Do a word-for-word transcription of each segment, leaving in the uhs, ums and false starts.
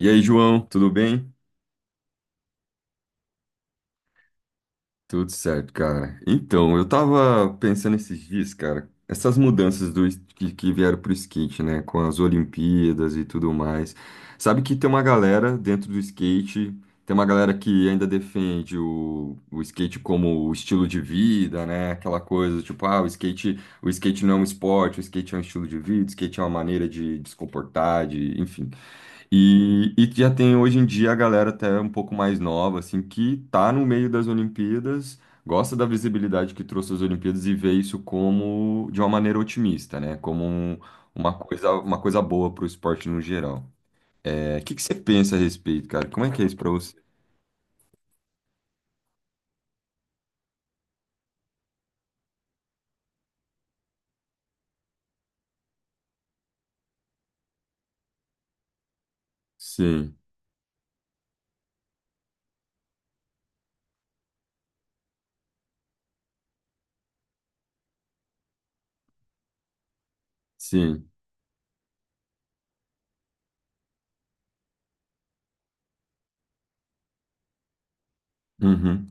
E aí, João, tudo bem? Tudo certo, cara. Então, eu tava pensando esses dias, cara, essas mudanças do, es- que, que vieram pro skate, né? Com as Olimpíadas e tudo mais. Sabe que tem uma galera dentro do skate, tem uma galera que ainda defende o, o skate como o estilo de vida, né? Aquela coisa, tipo, ah, o skate, o skate não é um esporte, o skate é um estilo de vida, o skate é uma maneira de, de se comportar, de, enfim. E, e já tem hoje em dia a galera até um pouco mais nova, assim, que tá no meio das Olimpíadas, gosta da visibilidade que trouxe as Olimpíadas e vê isso como de uma maneira otimista, né? Como um- uma coisa, uma coisa boa para o esporte no geral. É, o que que você pensa a respeito, cara? Como é que é isso para você? Sim, sim, uhum,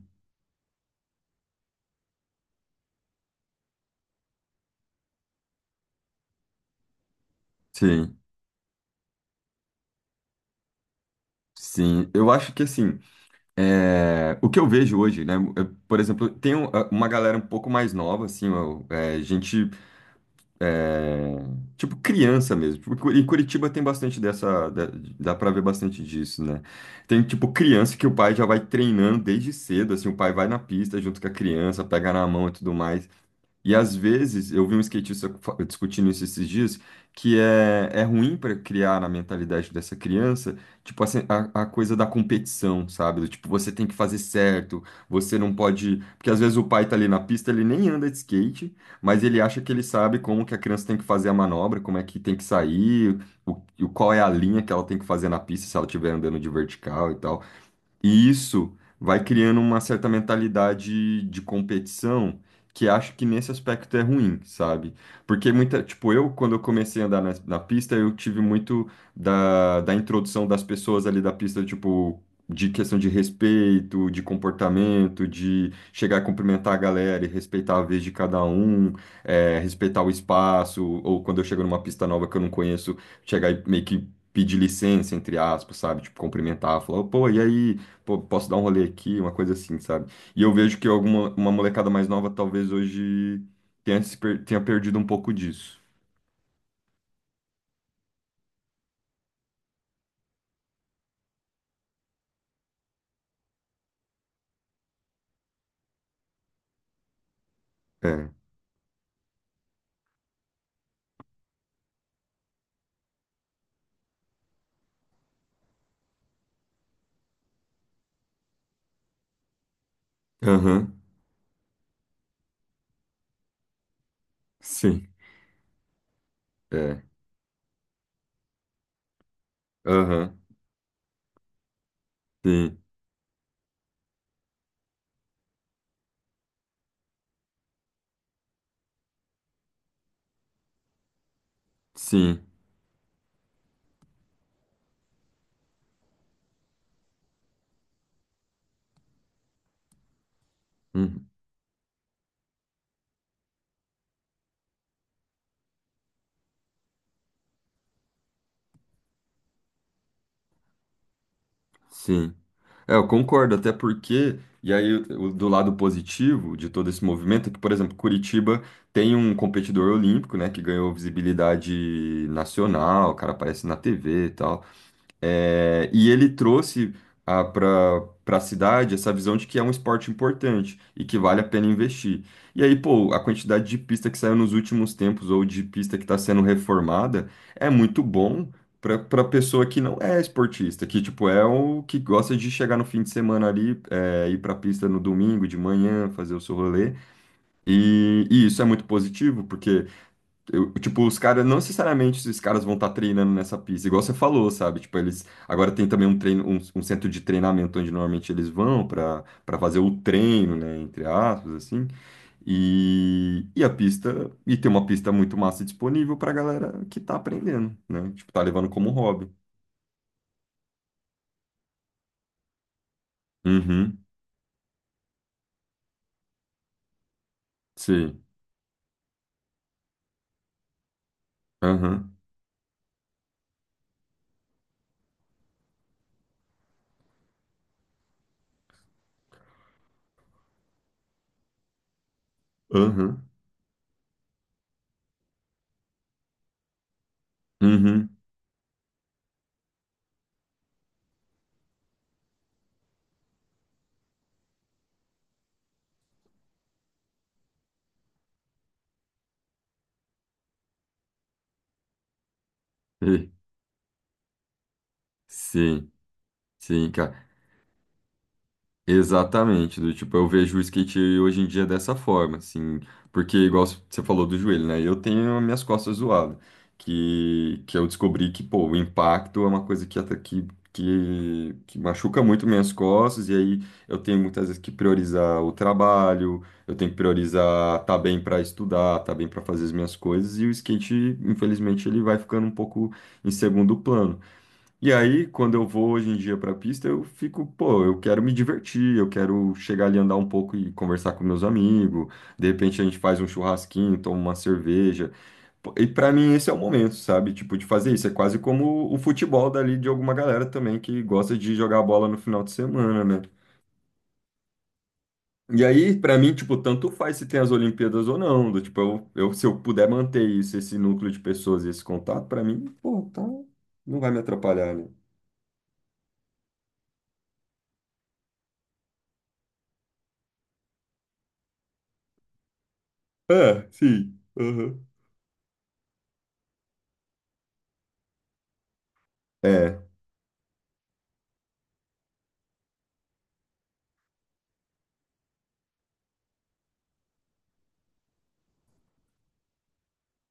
sim, sim. Eu acho que assim, é, o que eu vejo hoje, né? Eu- por exemplo, tem um- uma galera um pouco mais nova, assim, eu- é, gente é, tipo criança mesmo. Tipo, Cu- em Curitiba tem bastante dessa, da- dá pra ver bastante disso, né? Tem tipo criança que o pai já vai treinando desde cedo, assim, o pai vai na pista junto com a criança, pega na mão e tudo mais. E às vezes, eu vi um skatista fa- discutindo isso esses dias, que é, é ruim para criar na mentalidade dessa criança, tipo, assim, a, a coisa da competição, sabe? Do tipo, você tem que fazer certo, você não pode. Porque às vezes o pai tá ali na pista, ele nem anda de skate, mas ele acha que ele sabe como que a criança tem que fazer a manobra, como é que tem que sair, o, o- qual é a linha que ela tem que fazer na pista se ela estiver andando de vertical e tal. E isso vai criando uma certa mentalidade de competição que acho que nesse aspecto é ruim, sabe? Porque muita, tipo, eu, quando eu comecei a andar na, na pista, eu tive muito da, da introdução das pessoas ali da pista, tipo, de questão de respeito, de comportamento, de chegar a cumprimentar a galera e respeitar a vez de cada um, é, respeitar o espaço, ou quando eu chego numa pista nova que eu não conheço, chegar e meio que pedir licença, entre aspas, sabe? Tipo, cumprimentar, falar, pô, e aí? Pô, posso dar um rolê aqui, uma coisa assim, sabe? E eu vejo que alguma uma molecada mais nova talvez hoje tenha, se per- tenha perdido um pouco disso. É. Aham. Sim. É. Aham. Sim. Sim. Uhum. Sim. É, eu concordo, até porque. E aí, o- do lado positivo de todo esse movimento é que, por exemplo, Curitiba tem um competidor olímpico, né, que ganhou visibilidade nacional, o cara aparece na T V e tal. É, e ele trouxe para para a cidade essa visão de que é um esporte importante e que vale a pena investir. E aí, pô, a quantidade de pista que saiu nos últimos tempos ou de pista que está sendo reformada é muito bom para para pessoa que não é esportista, que tipo é o que gosta de chegar no fim de semana ali, é, ir para a pista no domingo de manhã, fazer o seu rolê. E, e isso é muito positivo porque eu- tipo, os caras, não necessariamente os caras vão estar treinando nessa pista, igual você falou, sabe? Tipo, eles agora tem também um treino, um, um centro de treinamento onde normalmente eles vão para para fazer o treino, né? Entre aspas, assim. E, e a pista, e tem uma pista muito massa disponível pra galera que tá aprendendo, né? Tipo, tá levando como hobby. Uhum, sim. Aham, aham, uhum, uhum. E, sim, sim, cara. Exatamente, do tipo, eu vejo o skate hoje em dia dessa forma, assim, porque igual você falou do joelho, né? Eu tenho as minhas costas zoadas, que, que eu descobri que, pô, o impacto é uma coisa que, ata- que, que, que machuca muito minhas costas, e aí eu tenho muitas vezes que priorizar o trabalho, eu tenho que priorizar tá bem para estudar, tá bem para fazer as minhas coisas, e o skate, infelizmente, ele vai ficando um pouco em segundo plano. E aí, quando eu vou hoje em dia para a pista, eu fico, pô, eu quero me divertir, eu quero chegar ali, andar um pouco e conversar com meus amigos. De repente a gente faz um churrasquinho, toma uma cerveja. Pô, e para mim esse é o momento, sabe? Tipo, de fazer isso. É quase como o futebol dali de alguma galera também que gosta de jogar bola no final de semana, né? E aí, pra mim, tipo, tanto faz se tem as Olimpíadas ou não. Do, tipo, eu, eu- se eu puder manter isso, esse núcleo de pessoas e esse contato, pra mim, pô, tá, não vai me atrapalhar, né? É, sim. Aham. É,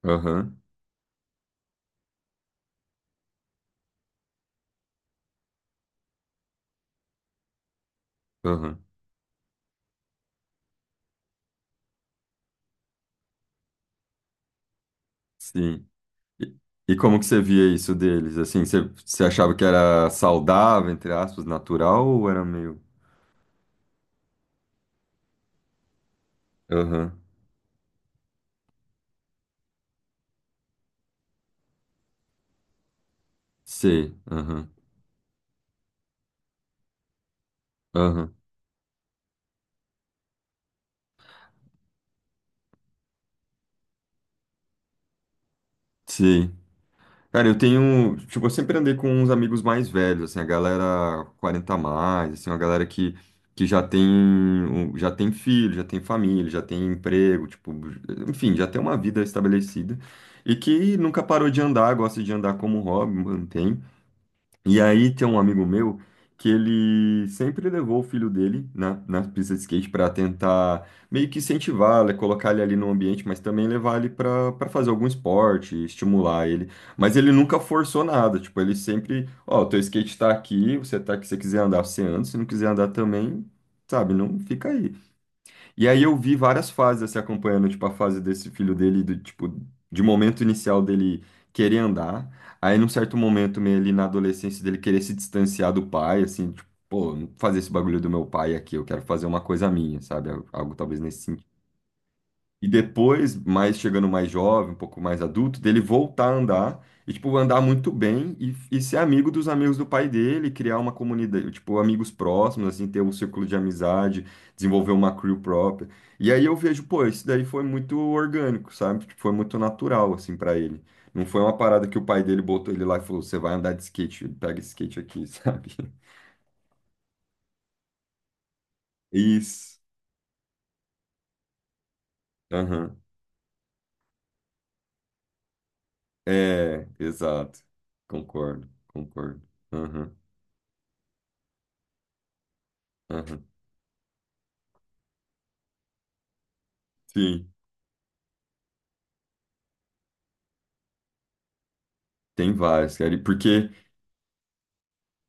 aham, aham, sim. E, e como que você via isso deles? Assim, você, você achava que era saudável, entre aspas, natural, ou era meio... Aham, sei, aham, aham, sei. Cara, eu tenho... Tipo, eu sempre andei com uns amigos mais velhos, assim, a galera quarenta a mais, assim, uma galera que, que já tem, um- já tem filho, já tem família, já tem emprego, tipo... Enfim, já tem uma vida estabelecida. E que nunca parou de andar, gosta de andar como hobby, mantém. E aí tem um amigo meu que ele sempre levou o filho dele na, na pista de skate para tentar meio que incentivar, né, colocar ele ali no ambiente, mas também levar ele para para fazer algum esporte, estimular ele. Mas ele nunca forçou nada, tipo, ele sempre, ó, teu skate tá aqui, você tá aqui, se você quiser andar, você anda, se não quiser andar também, sabe, não fica aí. E aí eu vi várias fases assim, acompanhando, tipo, a fase desse filho dele, do, tipo, de momento inicial dele querer andar. Aí num certo momento, meio ali na adolescência dele querer se distanciar do pai, assim, tipo, pô, não fazer esse bagulho do meu pai aqui, eu quero fazer uma coisa minha, sabe? Algo, algo talvez nesse e depois, mais chegando mais jovem, um pouco mais adulto, dele voltar a andar e, tipo, andar muito bem e, e ser amigo dos amigos do pai dele, criar uma comunidade, tipo, amigos próximos, assim, ter um círculo de amizade, desenvolver uma crew própria. E aí eu vejo, pô, isso daí foi muito orgânico, sabe? Tipo, foi muito natural, assim, pra ele. Não foi uma parada que o pai dele botou ele lá e falou: você vai andar de skate, pega esse skate aqui, sabe? Isso. Aham. É, exato. Concordo, concordo. Aham, aham. Sim, tem várias, cara. E porque,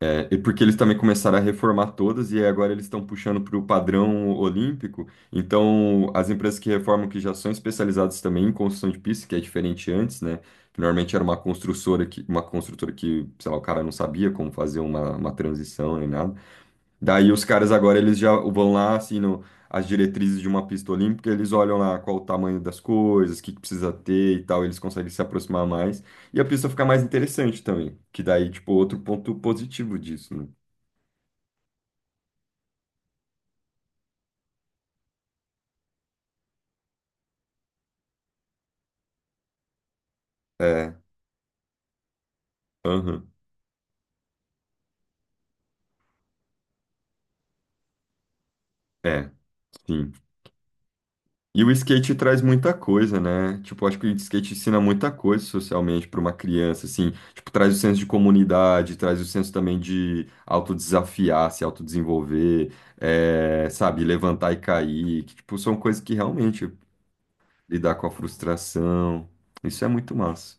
é, e porque eles também começaram a reformar todas e agora eles estão puxando para o padrão olímpico. Então, as empresas que reformam que já são especializadas também em construção de pista, que é diferente antes, né? Que normalmente era uma construtora que, uma construtora que, sei lá, o cara não sabia como fazer uma, uma transição nem nada. Daí os caras agora eles já vão lá, assinam as diretrizes de uma pista olímpica, eles olham lá qual o tamanho das coisas, o que que precisa ter e tal, eles conseguem se aproximar mais. E a pista fica mais interessante também, que daí, tipo, outro ponto positivo disso, né? É, aham, é, sim. E o skate traz muita coisa, né? Tipo, acho que o skate ensina muita coisa socialmente para uma criança, assim. Tipo, traz o senso de comunidade, traz o senso também de autodesafiar, se autodesenvolver, é, sabe, levantar e cair. Que, tipo, são coisas que realmente lidar com a frustração. Isso é muito massa.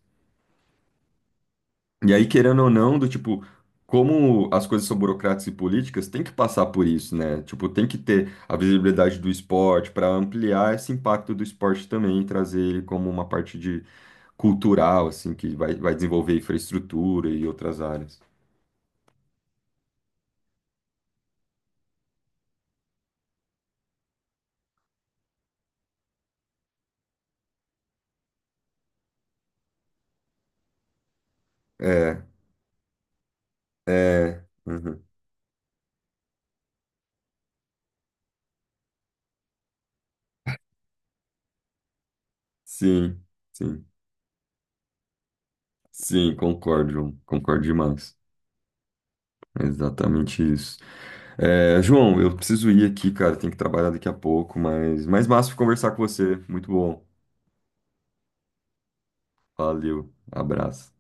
E aí, querendo ou não, do tipo, como as coisas são burocráticas e políticas, tem que passar por isso, né? Tipo, tem que ter a visibilidade do esporte para ampliar esse impacto do esporte também, e trazer ele como uma parte de cultural, assim, que vai, vai desenvolver infraestrutura e outras áreas. É, é, uhum. Sim, sim, sim, concordo, João. Concordo demais. É exatamente isso. É, João, eu preciso ir aqui, cara. Tenho que trabalhar daqui a pouco, mas mais massa conversar com você. Muito bom. Valeu, abraço.